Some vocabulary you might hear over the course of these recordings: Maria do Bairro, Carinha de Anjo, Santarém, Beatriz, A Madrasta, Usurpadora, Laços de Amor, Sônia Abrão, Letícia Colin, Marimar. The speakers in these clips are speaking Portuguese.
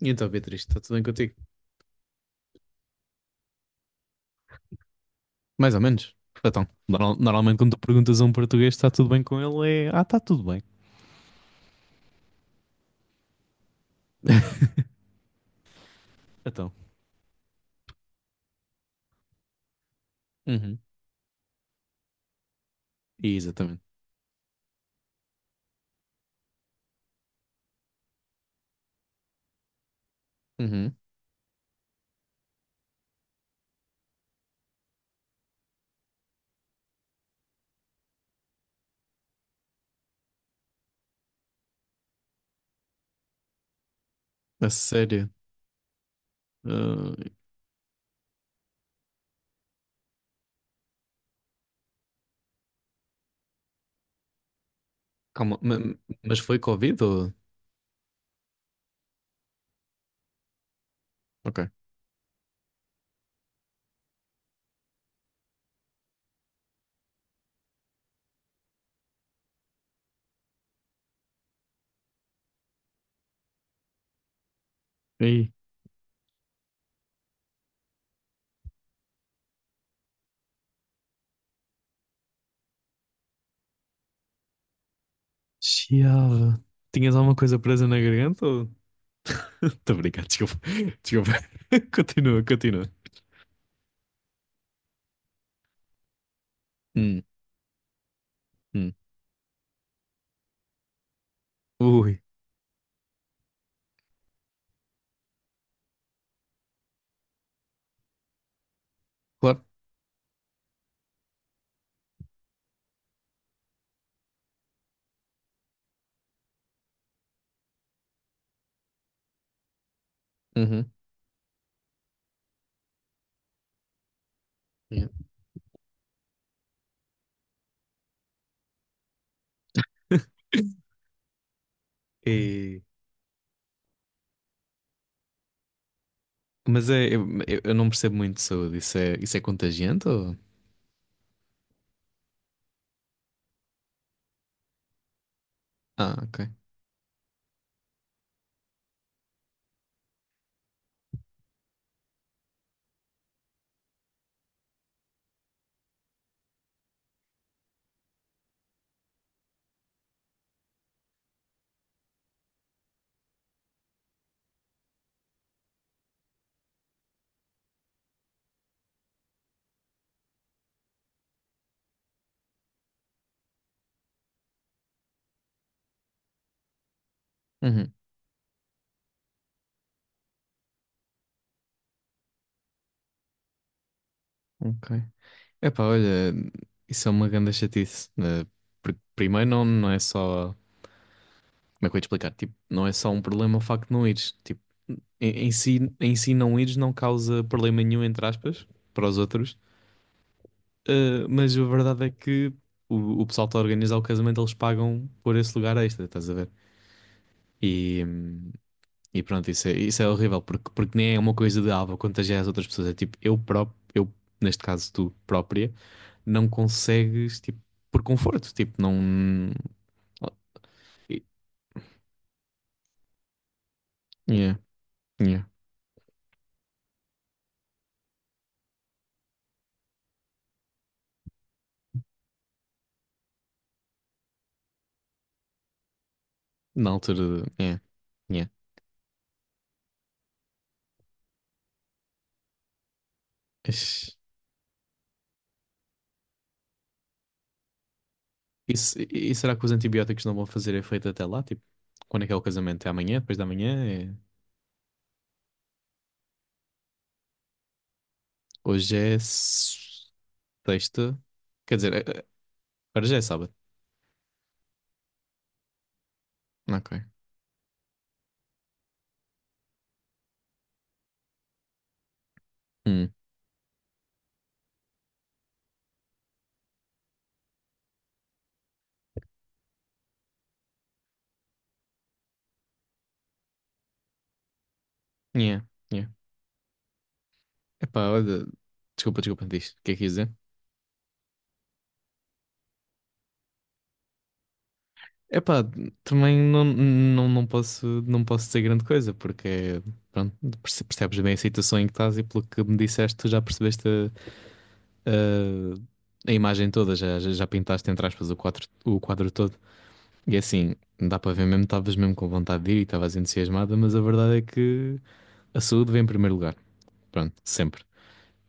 E então, Beatriz, está tudo bem contigo? Mais ou menos. Então, normalmente quando tu perguntas a um português se está tudo bem com ele, é está tudo bem. Então. Uhum. Exatamente. Uhum. A sério? Ah, calma, mas foi Covid ou? Ok. E aí? Chiava. Tinhas alguma coisa presa na garganta ou? Estou a brincar, desculpa. Desculpa. Continua, continua. Hum, hum. Ui, claro. Uhum. Yeah. E- Mas é, eu não percebo muito de saúde. Isso é contagiante ou? Ah, ok. Uhum, ok. Epá, olha, isso é uma grande chatice, né? Primeiro, não, não é só. Como é que eu ia te explicar? Tipo, não é só um problema o facto de não ires. Tipo, em si não ires não causa problema nenhum, entre aspas, para os outros. Ah, mas a verdade é que o pessoal que está a organizar o casamento, eles pagam por esse lugar extra, estás a ver? E, e pronto, isso é horrível, porque nem é uma coisa de, vou contagiar as outras pessoas. É tipo, eu próprio, eu, neste caso, tu própria. Não consegues, tipo, por conforto, tipo, não. Yeah, yeah. Na altura, yeah, yeah. Ixi. E, se- e será que os antibióticos não vão fazer efeito até lá? Tipo, quando é que é o casamento? É amanhã? Depois da manhã? Hoje é sexta. Quer dizer, agora já é sábado. Ok. Hum. Yeah, yeah. Epá, olha. Desculpa, desculpa, diz. O que é que quis dizer? Epá, também não posso dizer grande coisa, porque pronto, percebes bem a situação em que estás e pelo que me disseste, tu já percebeste a imagem toda, já pintaste entre aspas o quadro todo. E assim, dá para ver mesmo, estavas mesmo com vontade de ir e estavas entusiasmada, mas a verdade é que a saúde vem em primeiro lugar, pronto, sempre.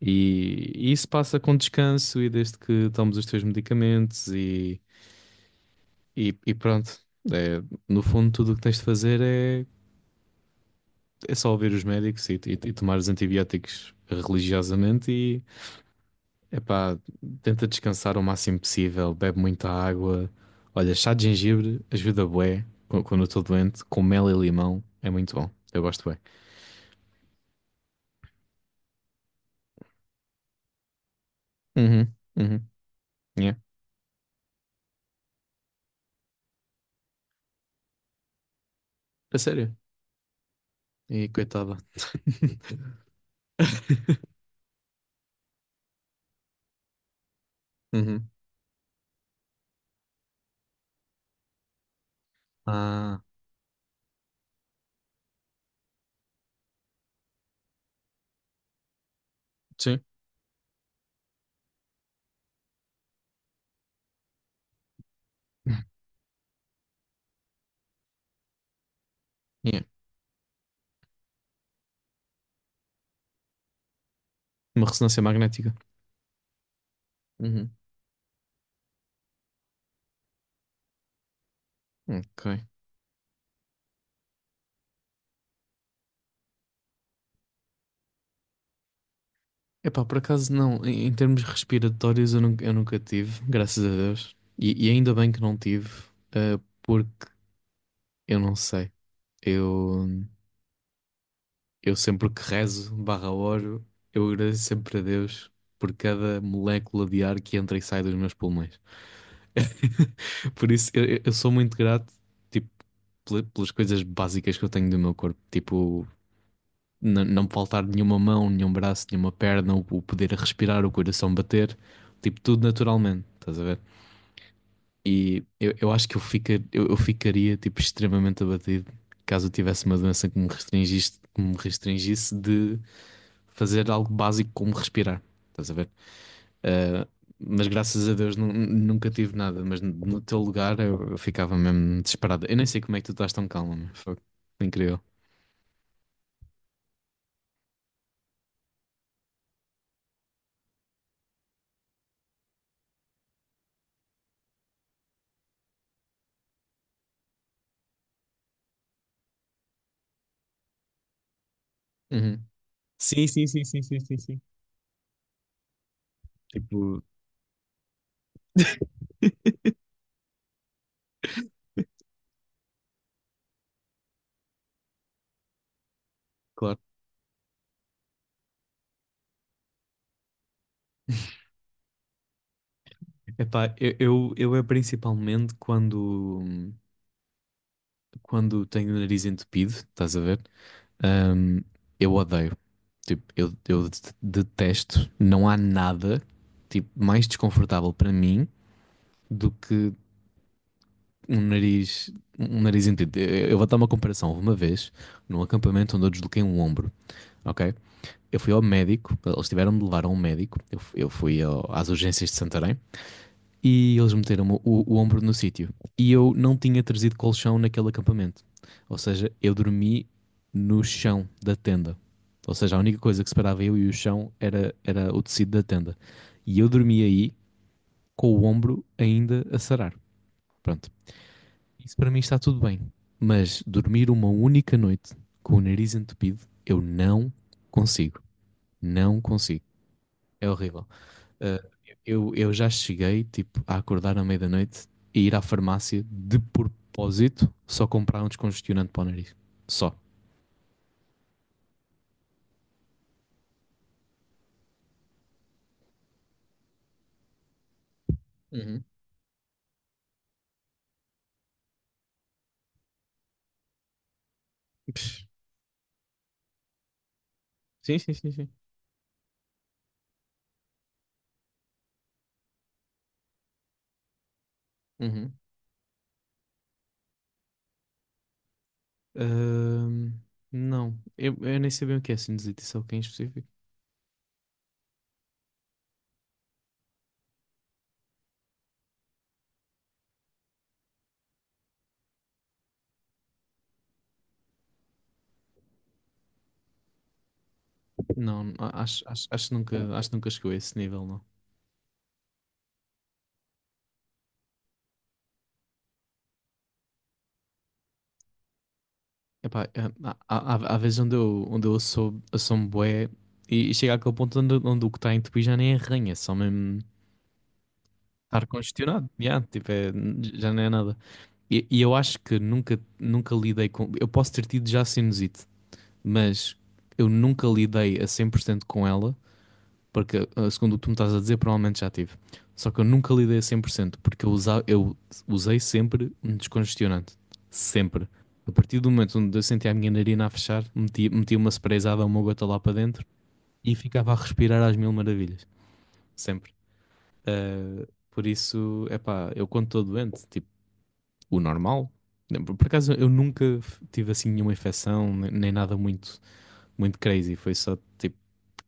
E isso passa com descanso e desde que tomes os teus medicamentos e pronto. É, no fundo, tudo o que tens de fazer é só ouvir os médicos e tomar os antibióticos religiosamente e epá, tenta descansar o máximo possível, bebe muita água. Olha, chá de gengibre ajuda bué quando eu estou doente, com mel e limão é muito bom. Eu gosto bem. Uhum, uhum, yeah. A sério. E coitada. Uhum. Ah, sim. Yeah. Uma ressonância magnética. Uhum. Ok. Epá, por acaso não, em termos respiratórios eu nunca tive, graças a Deus. E ainda bem que não tive, porque eu não sei. Eu, eu sempre que rezo, barra oro, eu agradeço sempre a Deus por cada molécula de ar que entra e sai dos meus pulmões. Por isso eu sou muito grato, tipo, pelas coisas básicas que eu tenho do meu corpo, tipo não me faltar nenhuma mão, nenhum braço, nenhuma perna, o poder respirar, o coração bater, tipo, tudo naturalmente, estás a ver? E eu acho que eu ficaria, tipo, extremamente abatido caso eu tivesse uma doença que me restringisse de fazer algo básico como respirar, estás a ver? Ah, mas graças a Deus nunca tive nada, mas no teu lugar eu ficava mesmo desesperado. Eu nem sei como é que tu estás tão calmo, meu. Foi incrível. Uhum. Sim, sim, sim, sim, sim, sim, sim. Tipo, claro. Epá, eu é principalmente quando tenho o nariz entupido, estás a ver? Ahm, eu odeio. Tipo, eu detesto. Não há nada, tipo, mais desconfortável para mim do que um nariz, um nariz entupido. Eu vou dar uma comparação. Houve uma vez, num acampamento onde eu desloquei um ombro, ok? Eu fui ao médico, eles tiveram de me levar a um médico. Eu fui às urgências de Santarém. E eles meteram-me o ombro no sítio. E eu não tinha trazido colchão naquele acampamento. Ou seja, eu dormi no chão da tenda. Ou seja, a única coisa que separava eu e o chão era o tecido da tenda. E eu dormi aí com o ombro ainda a sarar. Pronto. Isso para mim está tudo bem. Mas dormir uma única noite com o nariz entupido, eu não consigo. Não consigo. É horrível. Uh, eu já cheguei, tipo, a acordar à meia-noite da e ir à farmácia de propósito só comprar um descongestionante para o nariz. Só. Uhum. Psh. Sim, sim, sim, sim. Uhum. Ahm, não, eu nem sabia o que é sinusite, só que em específico. Não, acho que nunca chegou a esse nível, não. Epá, há vezes onde eu sou um bué e chega àquele ponto onde o que está em tupi já nem arranha, é só mesmo estar congestionado. Yeah, tipo, é, já não é nada. E eu acho que nunca lidei com. Eu posso ter tido já sinusite, mas eu nunca lidei a 100% com ela, porque segundo o que tu me estás a dizer, provavelmente já tive. Só que eu nunca lidei a 100% porque eu usei sempre um descongestionante. Sempre. A partir do momento onde eu sentia a minha narina a fechar, metia uma sprayzada ou uma gota lá para dentro e ficava a respirar às mil maravilhas. Sempre. Ah, por isso, é pá, eu quando estou doente, tipo o normal. Por acaso eu nunca tive assim nenhuma infecção, nem nada muito, muito crazy. Foi só tipo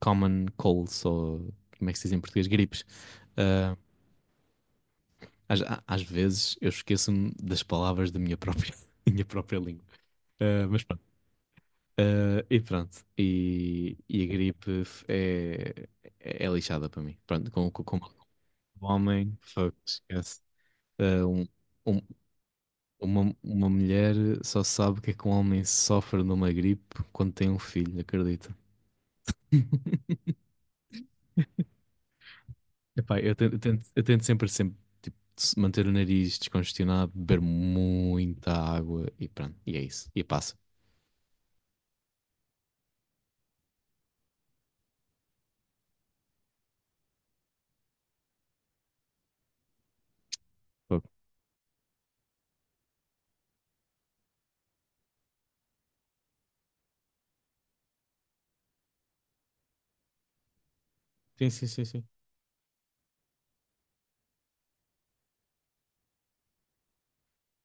common colds ou como é que se diz em português? Gripes. Ah, às vezes eu esqueço-me das palavras da minha própria, minha própria língua. Ah, mas pronto. Ah, e pronto. E a gripe é, lixada para mim. Pronto, com o homem, fuck, esquece. Ah, um, um, uma mulher só sabe que é que um homem sofre de uma gripe quando tem um filho, acredita? Epá, eu tento sempre, sempre tipo, manter o nariz descongestionado, beber muita água e pronto, e é isso. E passa. Fogo. Sim, sim, sim, sim.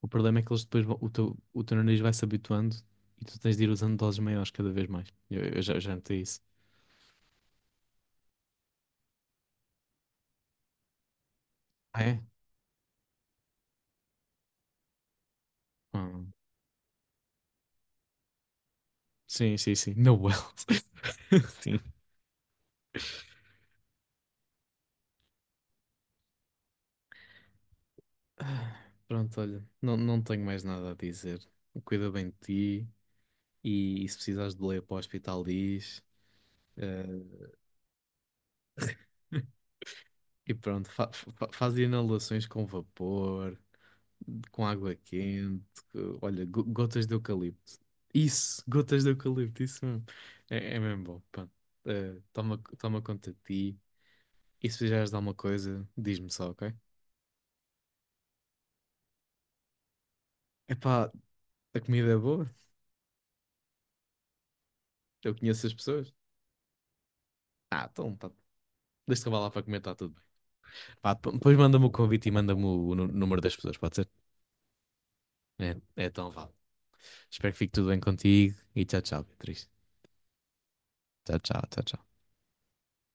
O problema é que eles depois vão, o teu nariz vai se habituando e tu tens de ir usando doses maiores cada vez mais. Eu já notei isso. Ah, é? Ah, sim, sim, sim. No well. Sim. Ah, pronto, olha, não tenho mais nada a dizer. Cuida bem de ti e se precisares de leia para o hospital, diz. Eh, e pronto, faz inalações com vapor, com água quente, olha, gotas de eucalipto. Isso, gotas de eucalipto, isso mesmo. É mesmo bom. Pronto. Toma conta de ti e se precisares de alguma coisa, diz-me só, ok? Epá, a comida é boa, eu conheço as pessoas. Ah, então, tá. Deixa-te lá para comentar tudo bem. Pá, depois manda-me o convite e manda-me o número das pessoas, pode ser? É então vá. Espero que fique tudo bem contigo e tchau, tchau, Beatriz. Tchau, tchau, tchau, tchau.